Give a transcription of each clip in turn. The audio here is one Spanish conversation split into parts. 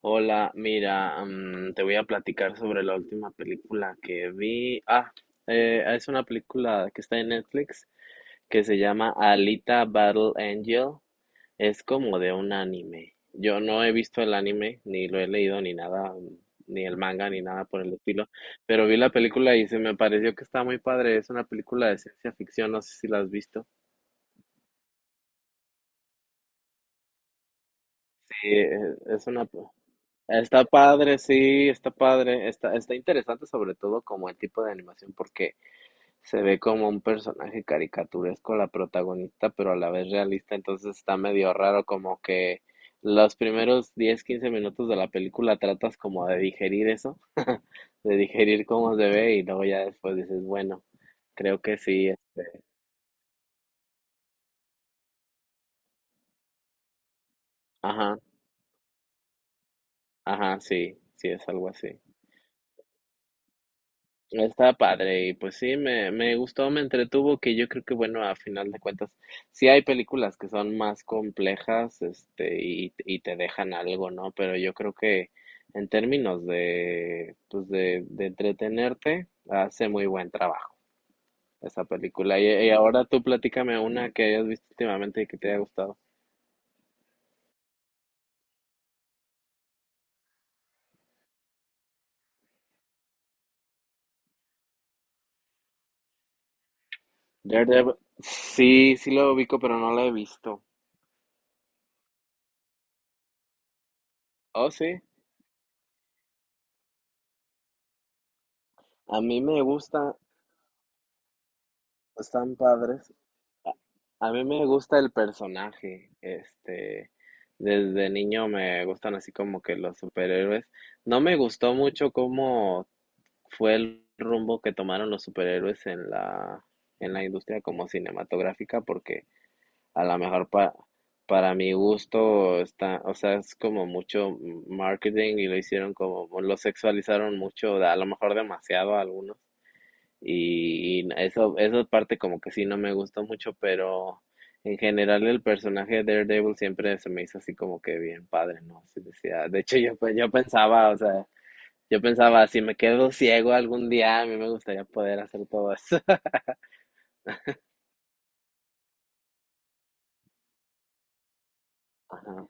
Hola, mira, te voy a platicar sobre la última película que vi. Es una película que está en Netflix que se llama Alita Battle Angel. Es como de un anime. Yo no he visto el anime, ni lo he leído, ni nada, ni el manga, ni nada por el estilo, pero vi la película y se me pareció que está muy padre. Es una película de ciencia ficción, no sé si la has visto. Eh, es una... Está padre, sí, está padre. Está interesante, sobre todo, como el tipo de animación, porque se ve como un personaje caricaturesco la protagonista, pero a la vez realista. Entonces está medio raro, como que los primeros 10 15 minutos de la película tratas como de digerir eso, de digerir cómo se ve, y luego ya después dices, bueno, creo que sí, este, ajá, ajá, sí, sí, es algo así. Está padre y pues sí, me gustó, me entretuvo. Que yo creo que, bueno, a final de cuentas, sí hay películas que son más complejas, este, y te dejan algo, ¿no? Pero yo creo que en términos de, pues de entretenerte, hace muy buen trabajo esa película. Y ahora tú platícame una que hayas visto últimamente y que te haya gustado. Daredevil, sí, sí lo ubico, pero no la he visto. Oh, sí, a mí me gusta, están padres. A a mí me gusta el personaje, este, desde niño me gustan así como que los superhéroes. No me gustó mucho cómo fue el rumbo que tomaron los superhéroes en la industria como cinematográfica, porque a lo mejor para mi gusto está, o sea, es como mucho marketing, y lo hicieron como, lo sexualizaron mucho, a lo mejor demasiado, a algunos. Y eso, esa parte como que sí no me gustó mucho, pero en general el personaje de Daredevil siempre se me hizo así como que bien padre, ¿no? Así decía, de hecho, yo, pues, yo pensaba, o sea, yo pensaba, si me quedo ciego algún día, a mí me gustaría poder hacer todo eso. Ajá,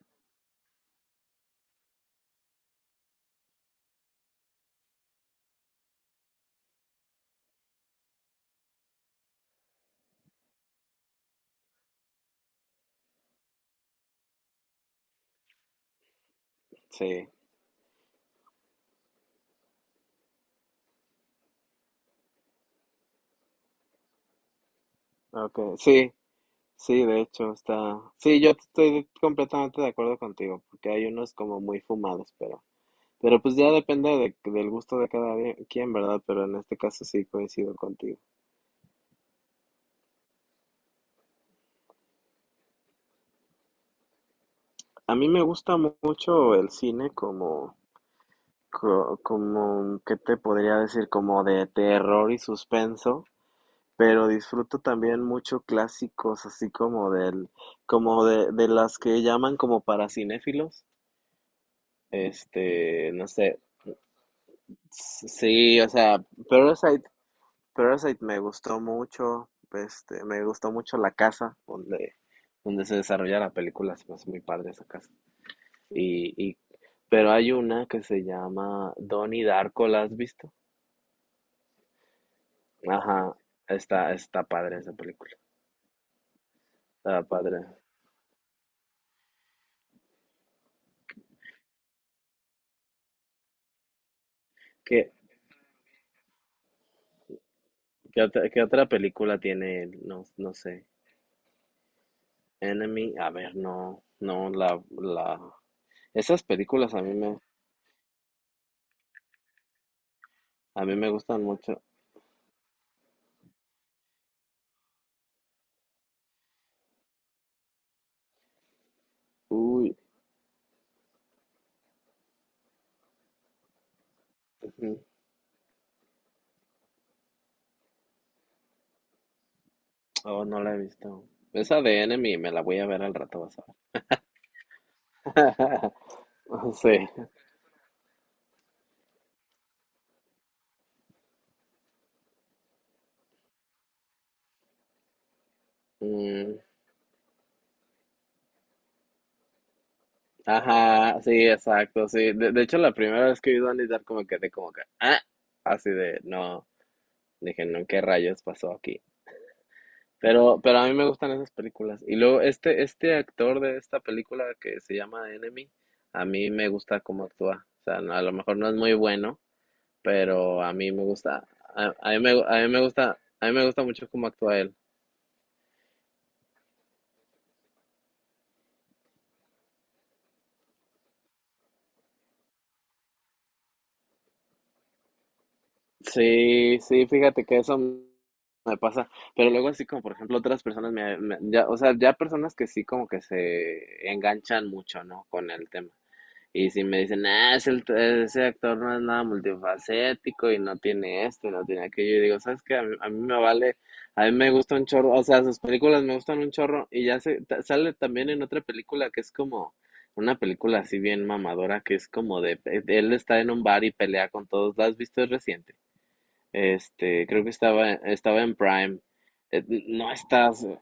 sí, okay, sí, sí, de hecho está, sí, yo estoy completamente de acuerdo contigo, porque hay unos como muy fumados, pero, pues ya depende del gusto de cada quien, ¿verdad? Pero en este caso sí coincido contigo. A mí me gusta mucho el cine como, como, ¿qué te podría decir? Como de terror y suspenso, pero disfruto también mucho clásicos, así como del, como de, las que llaman como para cinéfilos. Este, no sé, sí, o sea, Parasite, Parasite, me gustó mucho, este, me gustó mucho la casa donde se desarrolla la película. Es muy padre esa casa. Y, pero hay una que se llama Donnie Darko, ¿la has visto? Ajá, está padre esa película. Está padre. ¿Qué, qué otra película tiene él? No, no sé. Enemy, a ver, no, no, esas películas a mí me gustan mucho. Uy, ujú, oh, no la he visto. Esa de Enemy me la voy a ver al rato, vas a ver. Sí. Mm, ajá, sí, exacto, sí. De hecho, la primera vez que vi Donnie Darko, como quedé como que, así de, no, dije, no, ¿qué rayos pasó aquí? Pero a mí me gustan esas películas. Y luego este actor de esta película que se llama Enemy, a mí me gusta cómo actúa. O sea, a lo mejor no es muy bueno, pero a mí me gusta, a mí me gusta mucho cómo actúa él. Sí, sí, fíjate que eso me pasa, pero luego así, como por ejemplo, otras personas me, ya, o sea, ya personas que sí como que se enganchan mucho, ¿no? Con el tema. Y si me dicen, ese actor no es nada multifacético y no tiene esto y no tiene aquello, y digo, ¿sabes qué? A mí me vale, a mí me gusta un chorro, o sea, sus películas me gustan un chorro. Y ya se, sale también en otra película que es como una película así bien mamadora, que es como de, él está en un bar y pelea con todos, ¿la has visto? Es reciente. Este, creo que estaba en Prime. No estás,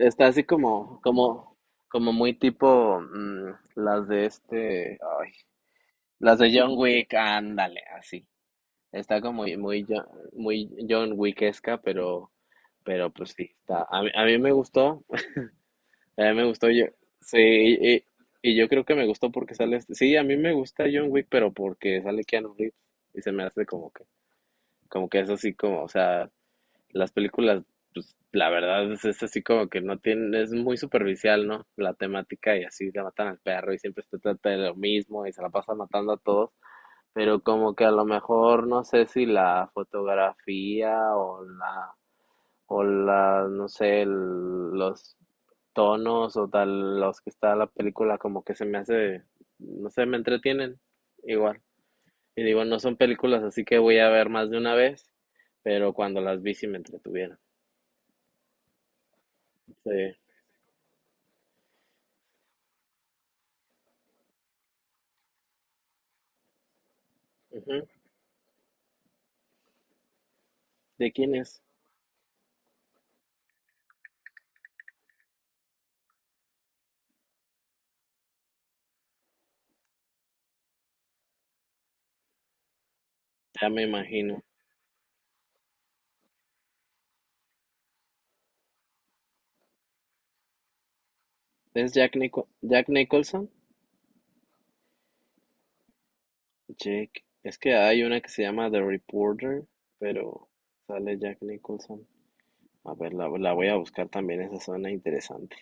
está así como, como, muy tipo, las de este, ay, las de John Wick, ándale, así. Está como muy, muy, muy John Wickesca, pero, pues sí, está. A mí me gustó, a mí me gustó. Yo, sí, y yo creo que me gustó porque sale, sí, a mí me gusta John Wick, pero porque sale Keanu Reeves, y se me hace como que, es así como, o sea, las películas, pues la verdad, es, así como que no tienen, es muy superficial, ¿no? La temática. Y así le matan al perro y siempre se trata de lo mismo, y se la pasa matando a todos. Pero como que, a lo mejor, no sé si la fotografía o la, no sé, los tonos o tal, los que está la película, como que se me hace, no sé, me entretienen igual. Y digo, no son películas así, que voy a ver más de una vez, pero cuando las vi sí me entretuvieron. Sí. Ujú. ¿De quién es? Ya me imagino. ¿Es Jack Nicholson? Jake. Es que hay una que se llama The Reporter, pero sale Jack Nicholson. A ver, la, voy a buscar también, esa zona interesante.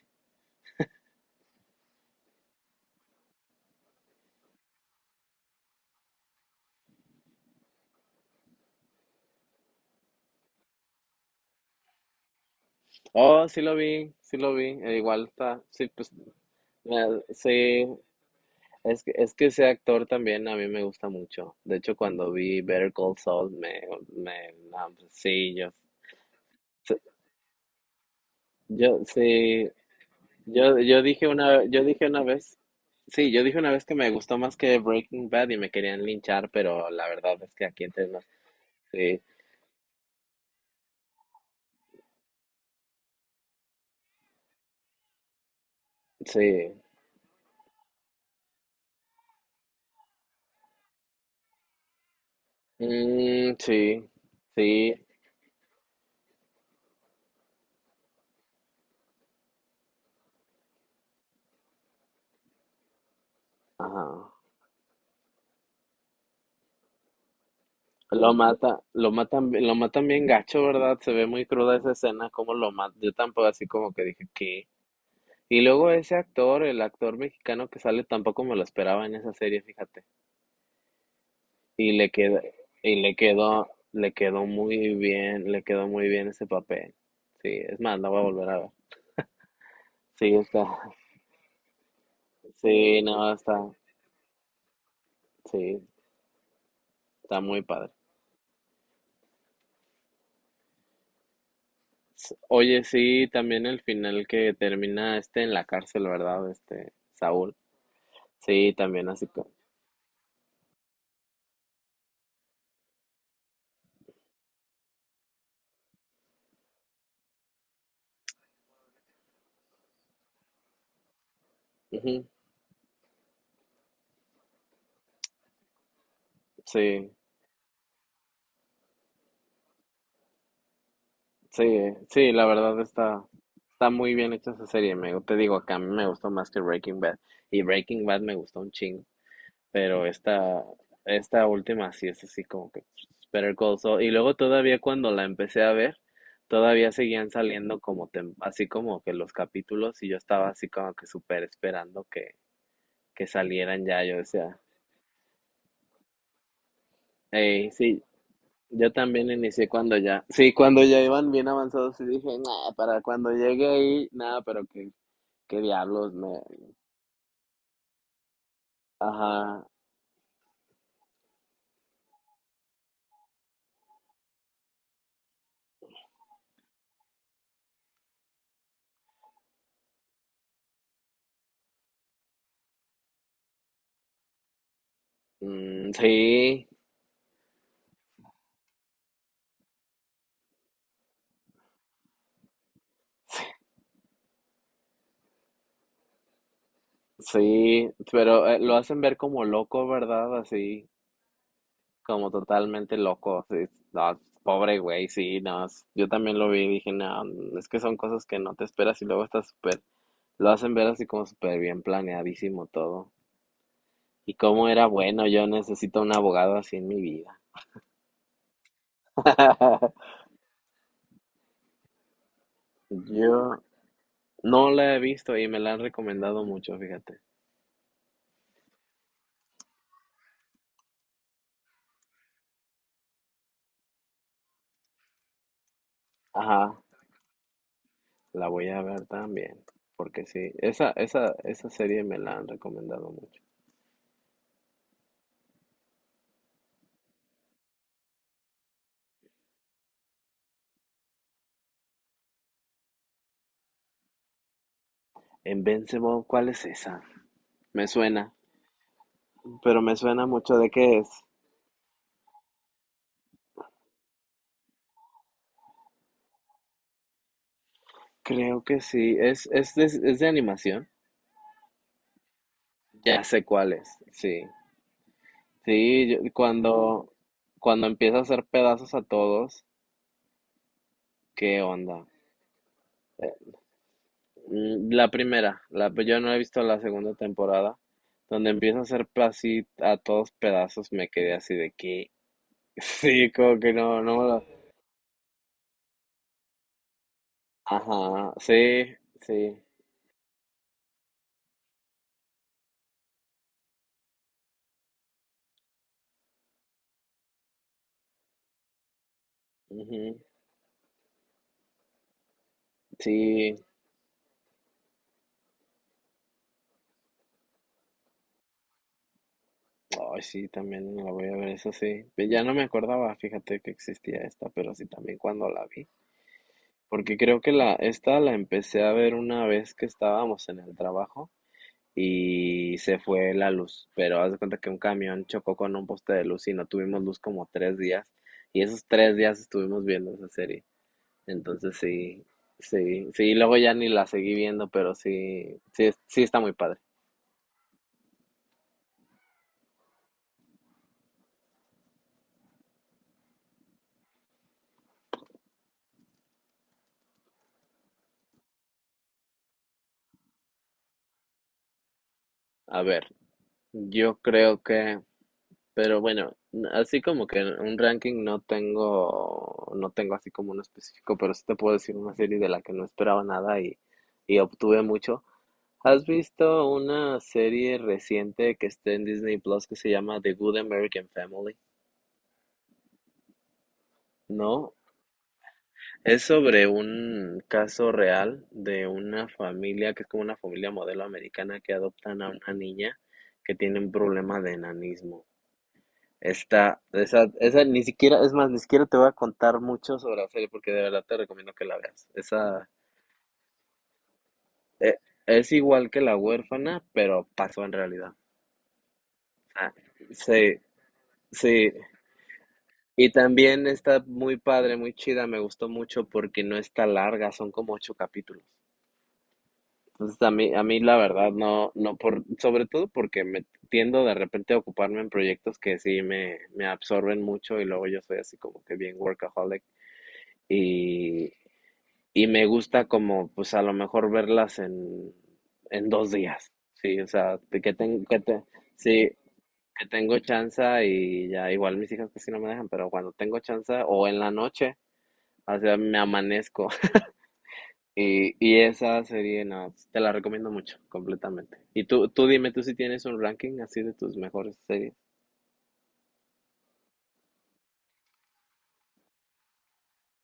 Oh, sí lo vi, sí lo vi. Igual está, sí, pues, sí, es que ese actor también a mí me gusta mucho. De hecho, cuando vi Better Call Saul, me, no, pues, sí, yo, sí, yo, sí, yo, yo dije una vez, sí, yo dije una vez que me gustó más que Breaking Bad, y me querían linchar, pero la verdad es que, aquí entre nos, sí, sí, mm, sí, sí, ajá. Lo matan bien gacho, ¿verdad? Se ve muy cruda esa escena, como lo mata. Yo tampoco así como que dije que. Y luego ese actor, el actor mexicano que sale, tampoco me lo esperaba en esa serie, fíjate. y le quedó le quedó muy bien, le quedó muy bien ese papel. Sí, es más, la voy a volver a ver. Sí, está. Sí, no, está. Sí, está muy padre. Oye, sí, también el final, que termina este en la cárcel, ¿verdad? Este, Saúl. Sí, también así ujú, sí, sí, sí, la verdad está muy bien hecha esa serie. Te digo, que a mí me gustó más que Breaking Bad. Y Breaking Bad me gustó un chingo. Pero esta, última sí es así como que, pues, Better Call Saul. Y luego todavía, cuando la empecé a ver, todavía seguían saliendo como así como que los capítulos, y yo estaba así como que súper esperando que, salieran ya. Yo decía, hey. Sí, yo también inicié cuando ya, sí, cuando ya iban bien avanzados y dije, nah, para cuando llegue ahí, nada, pero que qué diablos, me... Ajá, mm, sí, sí. Pero lo hacen ver como loco, ¿verdad? Así, como totalmente loco. Sí. No, pobre güey, sí, no. Yo también lo vi y dije, no, es que son cosas que no te esperas. Y luego está súper, lo hacen ver así como súper bien planeadísimo todo. Y cómo era bueno, yo necesito un abogado así en mi vida. Yo no la he visto y me la han recomendado mucho, fíjate. Ajá, la voy a ver también, porque sí, esa, esa serie me la han recomendado mucho. En Invincible, ¿cuál es esa? Me suena, pero me suena mucho de qué es. Creo que sí, es de animación. Ya sé cuál es, sí. Sí, cuando, empieza a hacer pedazos a todos, qué onda. Eh, yo no he visto la segunda temporada, donde empieza a hacer así a todos pedazos, me quedé así de que, sí, como que no, no, ajá, sí, sí, ujú, sí. Ay, sí, también la voy a ver, eso sí. Ya no me acordaba, fíjate, que existía esta, pero sí, también, cuando la vi. Porque creo que esta la empecé a ver una vez que estábamos en el trabajo y se fue la luz. Pero haz de cuenta que un camión chocó con un poste de luz y no tuvimos luz como 3 días. Y esos 3 días estuvimos viendo esa serie. Entonces sí, sí, sí, luego ya ni la seguí viendo, pero sí, sí, sí, está muy padre. A ver, yo creo que, pero bueno, así como que un ranking no tengo, así como uno específico, pero sí te puedo decir una serie de la que no esperaba nada y obtuve mucho. ¿Has visto una serie reciente que está en Disney Plus que se llama The Good American Family? No, es sobre un caso real de una familia, que es como una familia modelo americana, que adoptan a una niña que tiene un problema de enanismo. Esa ni siquiera, es más, ni siquiera te voy a contar mucho sobre la serie, porque de verdad te recomiendo que la veas. Esa, eh, es igual que La Huérfana, pero pasó en realidad. Ah, sí, sí. Y también está muy padre, muy chida. Me gustó mucho porque no está larga, son como 8 capítulos. Entonces a mí, la verdad no, sobre todo porque me tiendo de repente a ocuparme en proyectos que sí me absorben mucho, y luego yo soy así como que bien workaholic. Y, Y me gusta, como, pues a lo mejor verlas en, 2 días, sí, o sea, de que, sí, que tengo chance y ya. Igual mis hijas casi no me dejan, pero cuando tengo chance o en la noche, o sea, me amanezco. Y, esa serie, no, te la recomiendo mucho, completamente. Y tú dime, tú, si tienes un ranking así, de tus mejores series.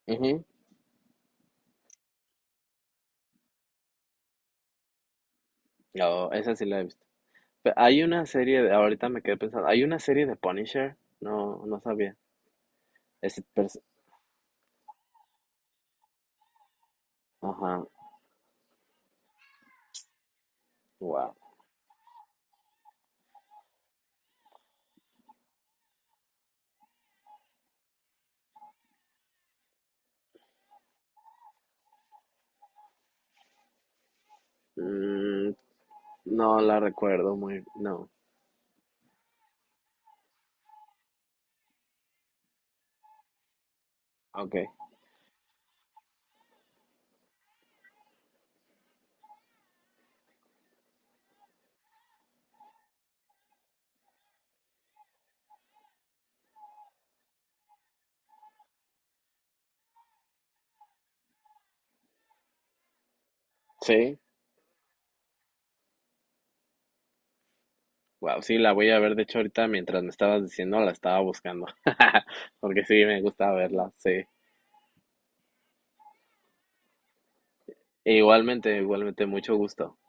Ujú. Oh, esa sí la he visto. Hay una serie de, ahorita me quedé pensando, hay una serie de Punisher, no, no sabía. Ese ajá. Wow. Mm, no la recuerdo muy. No. Ok. Sí. Wow. Sí, la voy a ver. De hecho, ahorita, mientras me estabas diciendo, la estaba buscando. Porque sí, me gusta verla. Sí. E igualmente, igualmente, mucho gusto.